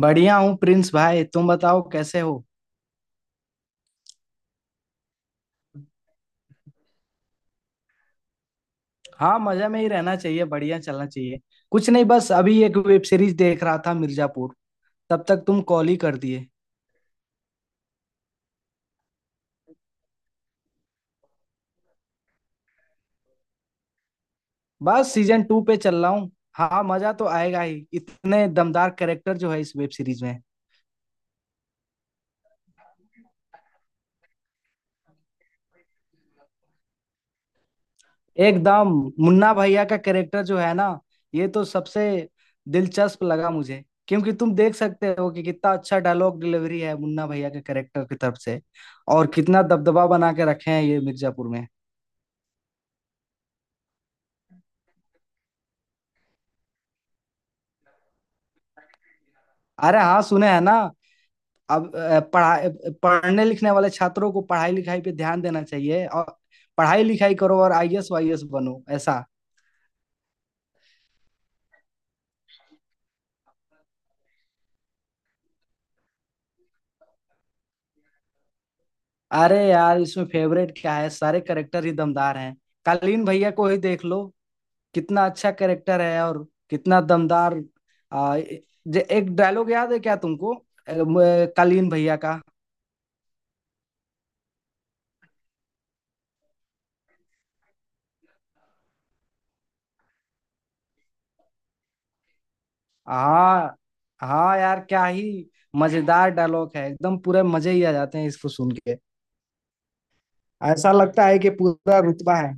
बढ़िया हूँ प्रिंस भाई। तुम बताओ कैसे हो। हाँ, मजा में ही रहना चाहिए, बढ़िया चलना चाहिए। कुछ नहीं, बस अभी एक वेब सीरीज देख रहा था, मिर्जापुर। तब तक तुम कॉल ही कर दिए। बस सीजन 2 पे चल रहा हूँ। हाँ मजा तो आएगा ही, इतने दमदार कैरेक्टर जो है इस वेब सीरीज में। एकदम। मुन्ना भैया का कैरेक्टर जो है ना, ये तो सबसे दिलचस्प लगा मुझे। क्योंकि तुम देख सकते हो कि कितना अच्छा डायलॉग डिलीवरी है मुन्ना भैया के कैरेक्टर की तरफ से। और कितना दबदबा बना के रखे हैं ये मिर्जापुर में। अरे हाँ, सुने हैं ना। अब अ, पढ़ा पढ़ने लिखने वाले छात्रों को पढ़ाई लिखाई पे ध्यान देना चाहिए। और पढ़ाई लिखाई करो और आईएएस वाईएएस बनो, ऐसा। अरे यार, इसमें फेवरेट क्या है, सारे कैरेक्टर ही दमदार हैं। कालीन भैया को ही देख लो, कितना अच्छा कैरेक्टर है। और कितना दमदार। आ, एक डायलॉग याद है क्या तुमको? कालीन भैया का। हाँ हाँ, यार क्या ही मजेदार डायलॉग है, एकदम पूरे मजे ही आ जाते हैं इसको सुन के। ऐसा लगता है कि पूरा रुतबा है।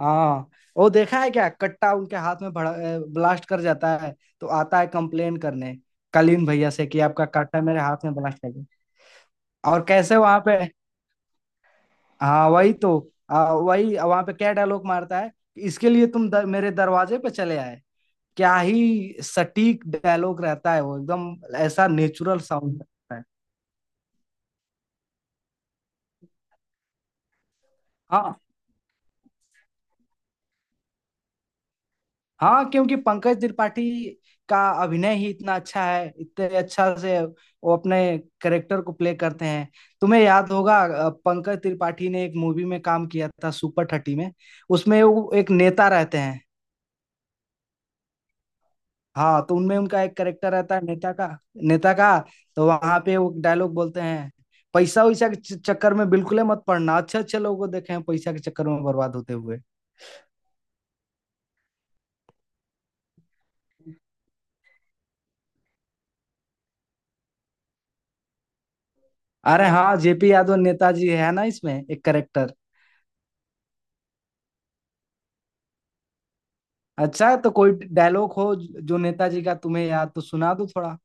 हाँ, वो देखा है क्या, कट्टा उनके हाथ में भड़ा, ब्लास्ट कर जाता है। तो आता है कंप्लेन करने कलीन भैया से कि आपका कट्टा मेरे हाथ में ब्लास्ट कर गया। और कैसे वहां पे। हाँ वही तो। वही वहां पे क्या डायलॉग मारता है, इसके लिए तुम मेरे दरवाजे पे चले आए। क्या ही सटीक डायलॉग रहता है वो, एकदम ऐसा नेचुरल साउंड रहता है। हाँ, हाँ, क्योंकि पंकज त्रिपाठी का अभिनय ही इतना अच्छा है, इतने अच्छा से वो अपने करेक्टर को प्ले करते हैं। तुम्हें याद होगा, पंकज त्रिपाठी ने एक मूवी में काम किया था, सुपर थर्टी में। उसमें वो एक नेता रहते हैं। हाँ तो उनमें उनका एक करेक्टर रहता है नेता का। नेता का। तो वहां पे वो डायलॉग बोलते हैं, पैसा वैसा के चक्कर में बिल्कुल ही मत पड़ना, अच्छे अच्छे लोगों को देखे हैं पैसा के चक्कर में बर्बाद होते हुए। अरे हाँ, जेपी यादव नेताजी है ना, इसमें एक करेक्टर। अच्छा तो कोई डायलॉग हो जो नेताजी का तुम्हें याद, तो सुना दो थोड़ा।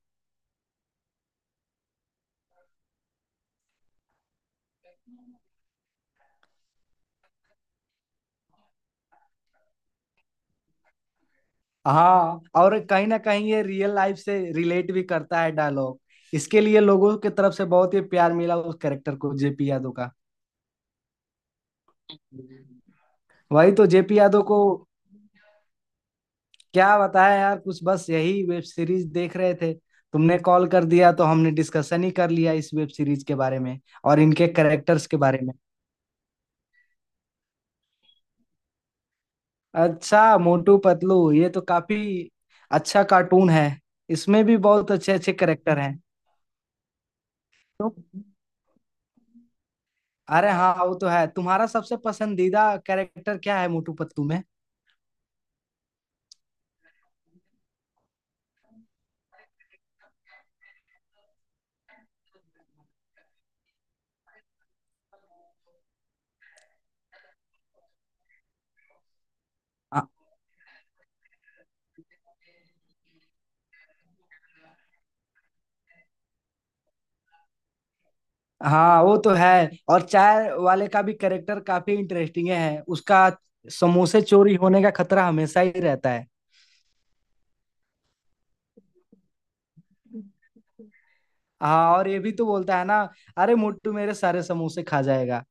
हाँ, और कहीं ना कहीं ये रियल लाइफ से रिलेट भी करता है डायलॉग। इसके लिए लोगों की तरफ से बहुत ही प्यार मिला उस कैरेक्टर को, जेपी यादव का। वही तो, जेपी यादव को। क्या बताया यार, कुछ बस यही वेब सीरीज देख रहे थे। तुमने कॉल कर दिया तो हमने डिस्कशन ही कर लिया इस वेब सीरीज के बारे में और इनके कैरेक्टर्स के बारे में। अच्छा मोटू पतलू, ये तो काफी अच्छा कार्टून है। इसमें भी बहुत अच्छे अच्छे कैरेक्टर हैं। तो अरे हाँ वो तो है, तुम्हारा सबसे पसंदीदा कैरेक्टर क्या है मोटू पतलू में? हाँ हाँ, वो तो है। और चाय वाले का भी कैरेक्टर काफी इंटरेस्टिंग है उसका। समोसे चोरी होने का खतरा हमेशा ही रहता है। हाँ और ये भी तो बोलता है ना, अरे मोटू मेरे सारे समोसे खा जाएगा।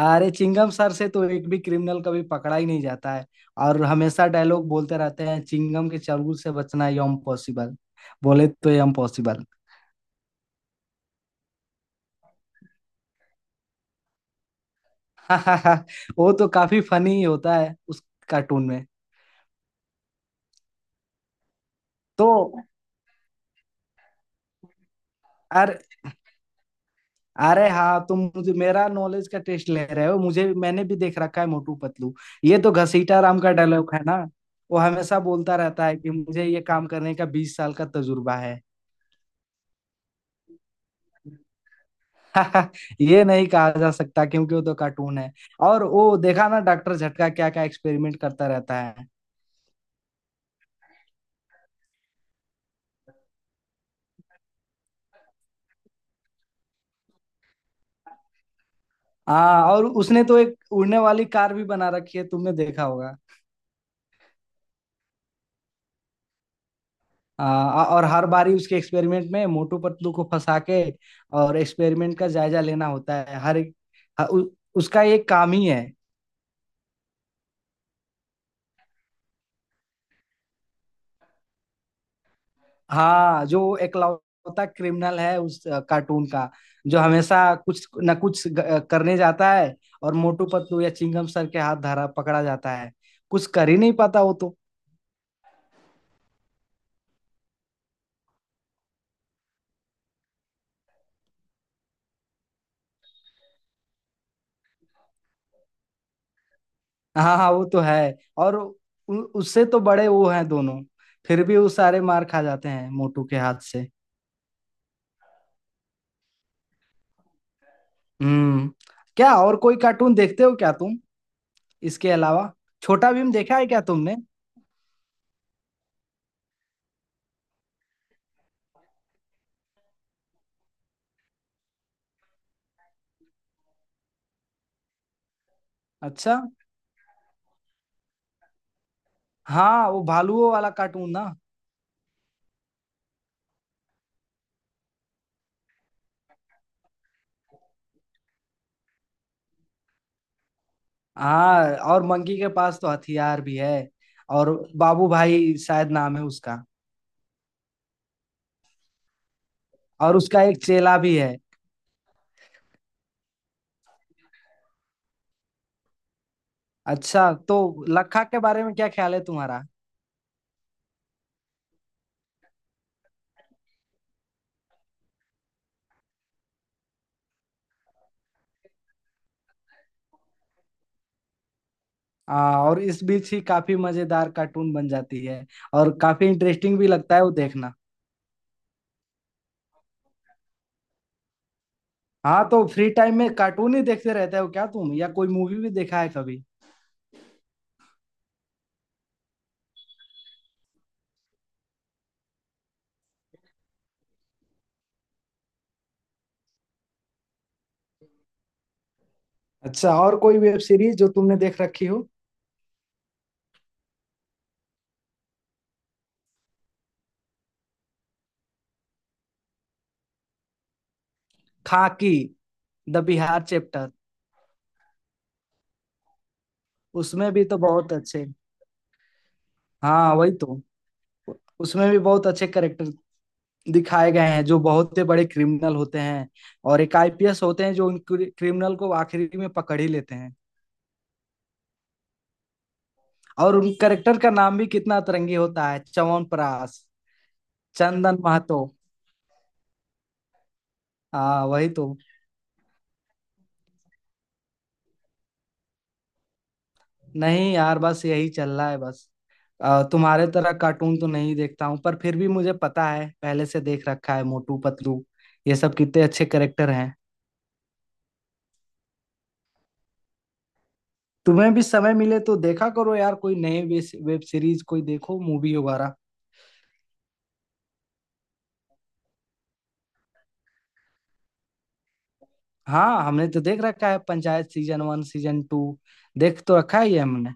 अरे चिंगम सर से तो एक भी क्रिमिनल कभी पकड़ा ही नहीं जाता है। और हमेशा डायलॉग बोलते रहते हैं, चिंगम के चंगुल से बचना ये इम्पॉसिबल, बोले तो ये इम्पॉसिबल। वो तो काफी फनी होता है उस कार्टून में। तो अरे हाँ, तुम मुझे मेरा नॉलेज का टेस्ट ले रहे हो मुझे, मैंने भी देख रखा है मोटू पतलू। ये तो घसीटा राम का डायलॉग है ना। वो हमेशा बोलता रहता है कि मुझे ये काम करने का 20 साल का तजुर्बा है। ये नहीं कहा जा सकता क्योंकि वो तो कार्टून है। और वो देखा ना डॉक्टर झटका क्या क्या एक्सपेरिमेंट करता रहता है। हाँ और उसने तो एक उड़ने वाली कार भी बना रखी है, तुमने देखा होगा। और हर बारी उसके एक्सपेरिमेंट में मोटू पतलू को फंसा के, और एक्सपेरिमेंट का जायजा लेना होता है हर एक। ह- उ, उसका एक काम ही है। हाँ जो एकलौता क्रिमिनल है उस कार्टून का, जो हमेशा कुछ न कुछ करने जाता है और मोटू पतलू या चिंगम सर के हाथ धरा पकड़ा जाता है। कुछ कर ही नहीं पाता वो तो। हाँ हाँ वो तो है। और उससे तो बड़े वो हैं दोनों, फिर भी वो सारे मार खा जाते हैं मोटू के हाथ से। हम्म। क्या और कोई कार्टून देखते हो क्या तुम, इसके अलावा? छोटा भीम देखा है क्या तुमने? अच्छा, हाँ वो भालुओं वाला कार्टून ना। हाँ और मंकी के पास तो हथियार भी है। और बाबू भाई शायद नाम है उसका। और उसका एक चेला भी है। अच्छा तो लखा के बारे में क्या ख्याल है तुम्हारा? हाँ और इस बीच ही काफी मजेदार कार्टून बन जाती है। और काफी इंटरेस्टिंग भी लगता है वो देखना। हाँ तो फ्री टाइम में कार्टून ही देखते रहते हो क्या तुम, या कोई मूवी भी देखा है कभी? अच्छा, और कोई वेब सीरीज जो तुमने देख रखी हो? Khakee the Bihar chapter. उसमें भी तो बहुत अच्छे। हाँ वही तो, उसमें भी बहुत अच्छे करेक्टर दिखाए गए हैं, जो बहुत ही बड़े क्रिमिनल होते हैं। और एक आईपीएस होते हैं जो उन क्रिमिनल को आखिरी में पकड़ ही लेते हैं। और उन करेक्टर का नाम भी कितना अतरंगी होता है, च्यवनप्राश, चंदन महतो। हाँ वही तो। नहीं यार, बस यही चल रहा है बस। तुम्हारे तरह कार्टून तो नहीं देखता हूँ, पर फिर भी मुझे पता है, पहले से देख रखा है मोटू पतलू। ये सब कितने अच्छे करेक्टर हैं। तुम्हें भी समय मिले तो देखा करो यार, कोई नए वेब सीरीज कोई देखो, मूवी वगैरह। हाँ, हमने तो देख रखा है पंचायत, सीजन 1, सीजन 2। देख तो रखा ही है हमने।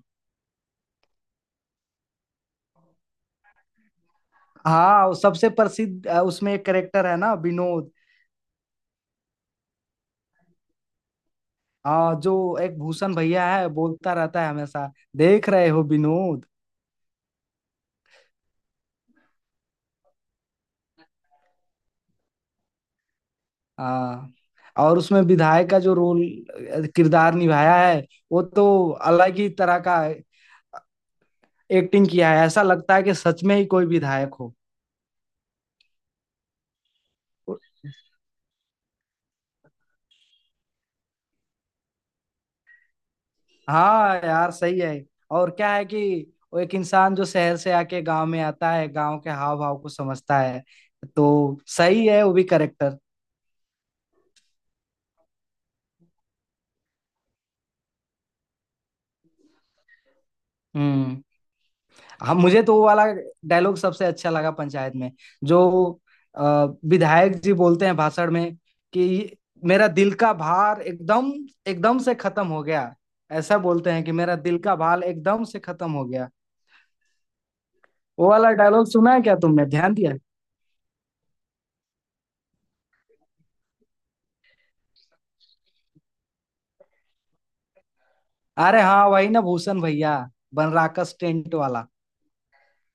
हाँ, वो सबसे प्रसिद्ध उसमें एक करेक्टर है ना, विनोद। हाँ, जो एक भूषण भैया है, बोलता रहता है हमेशा, देख रहे हो विनोद। हाँ और उसमें विधायक का जो रोल किरदार निभाया है, वो तो अलग ही तरह का एक्टिंग किया है। ऐसा लगता है कि सच में ही कोई विधायक हो। हाँ यार, सही है। और क्या है कि वो एक इंसान जो शहर से आके गांव में आता है, गांव के हाव भाव को समझता है। तो सही है वो भी करेक्टर। हम्म। हाँ मुझे तो वो वाला डायलॉग सबसे अच्छा लगा पंचायत में। जो अ, विधायक जी बोलते हैं भाषण में कि मेरा दिल का भार एकदम, एकदम से खत्म हो गया। ऐसा बोलते हैं कि मेरा दिल का भार एकदम से खत्म हो गया। वो वाला डायलॉग सुना है क्या तुमने, ध्यान दिया है? अरे हाँ वही ना, भूषण भैया, बनराकस टेंट वाला।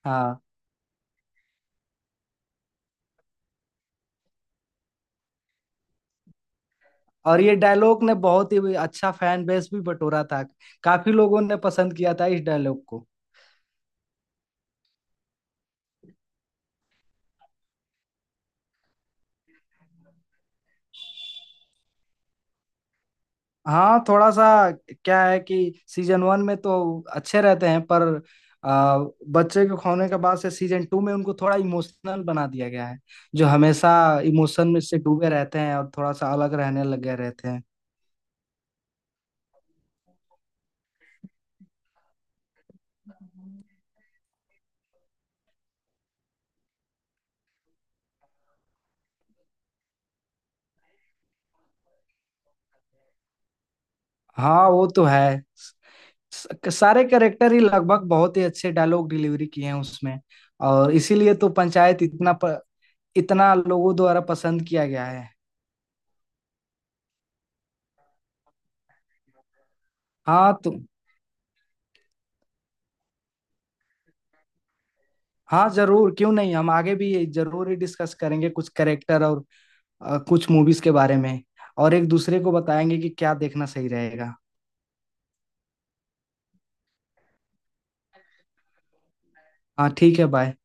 हाँ और ये डायलॉग ने बहुत ही अच्छा फैन बेस भी बटोरा था। काफी लोगों ने पसंद किया था इस डायलॉग को। हाँ थोड़ा सा। क्या है कि सीजन 1 में तो अच्छे रहते हैं पर आ, बच्चे के खोने के बाद से सीजन 2 में उनको थोड़ा इमोशनल बना दिया गया है। जो हमेशा इमोशन में से डूबे रहते हैं और थोड़ा सा अलग रहने लग गए रहते हैं। हाँ वो तो है। सारे कैरेक्टर ही लगभग बहुत ही अच्छे डायलॉग डिलीवरी किए हैं उसमें। और इसीलिए तो पंचायत इतना इतना लोगों द्वारा पसंद किया गया है। हाँ तो। हाँ जरूर, क्यों नहीं, हम आगे भी ये जरूर ही डिस्कस करेंगे कुछ करेक्टर और कुछ मूवीज के बारे में, और एक दूसरे को बताएंगे कि क्या देखना सही रहेगा। हाँ ठीक है, बाय।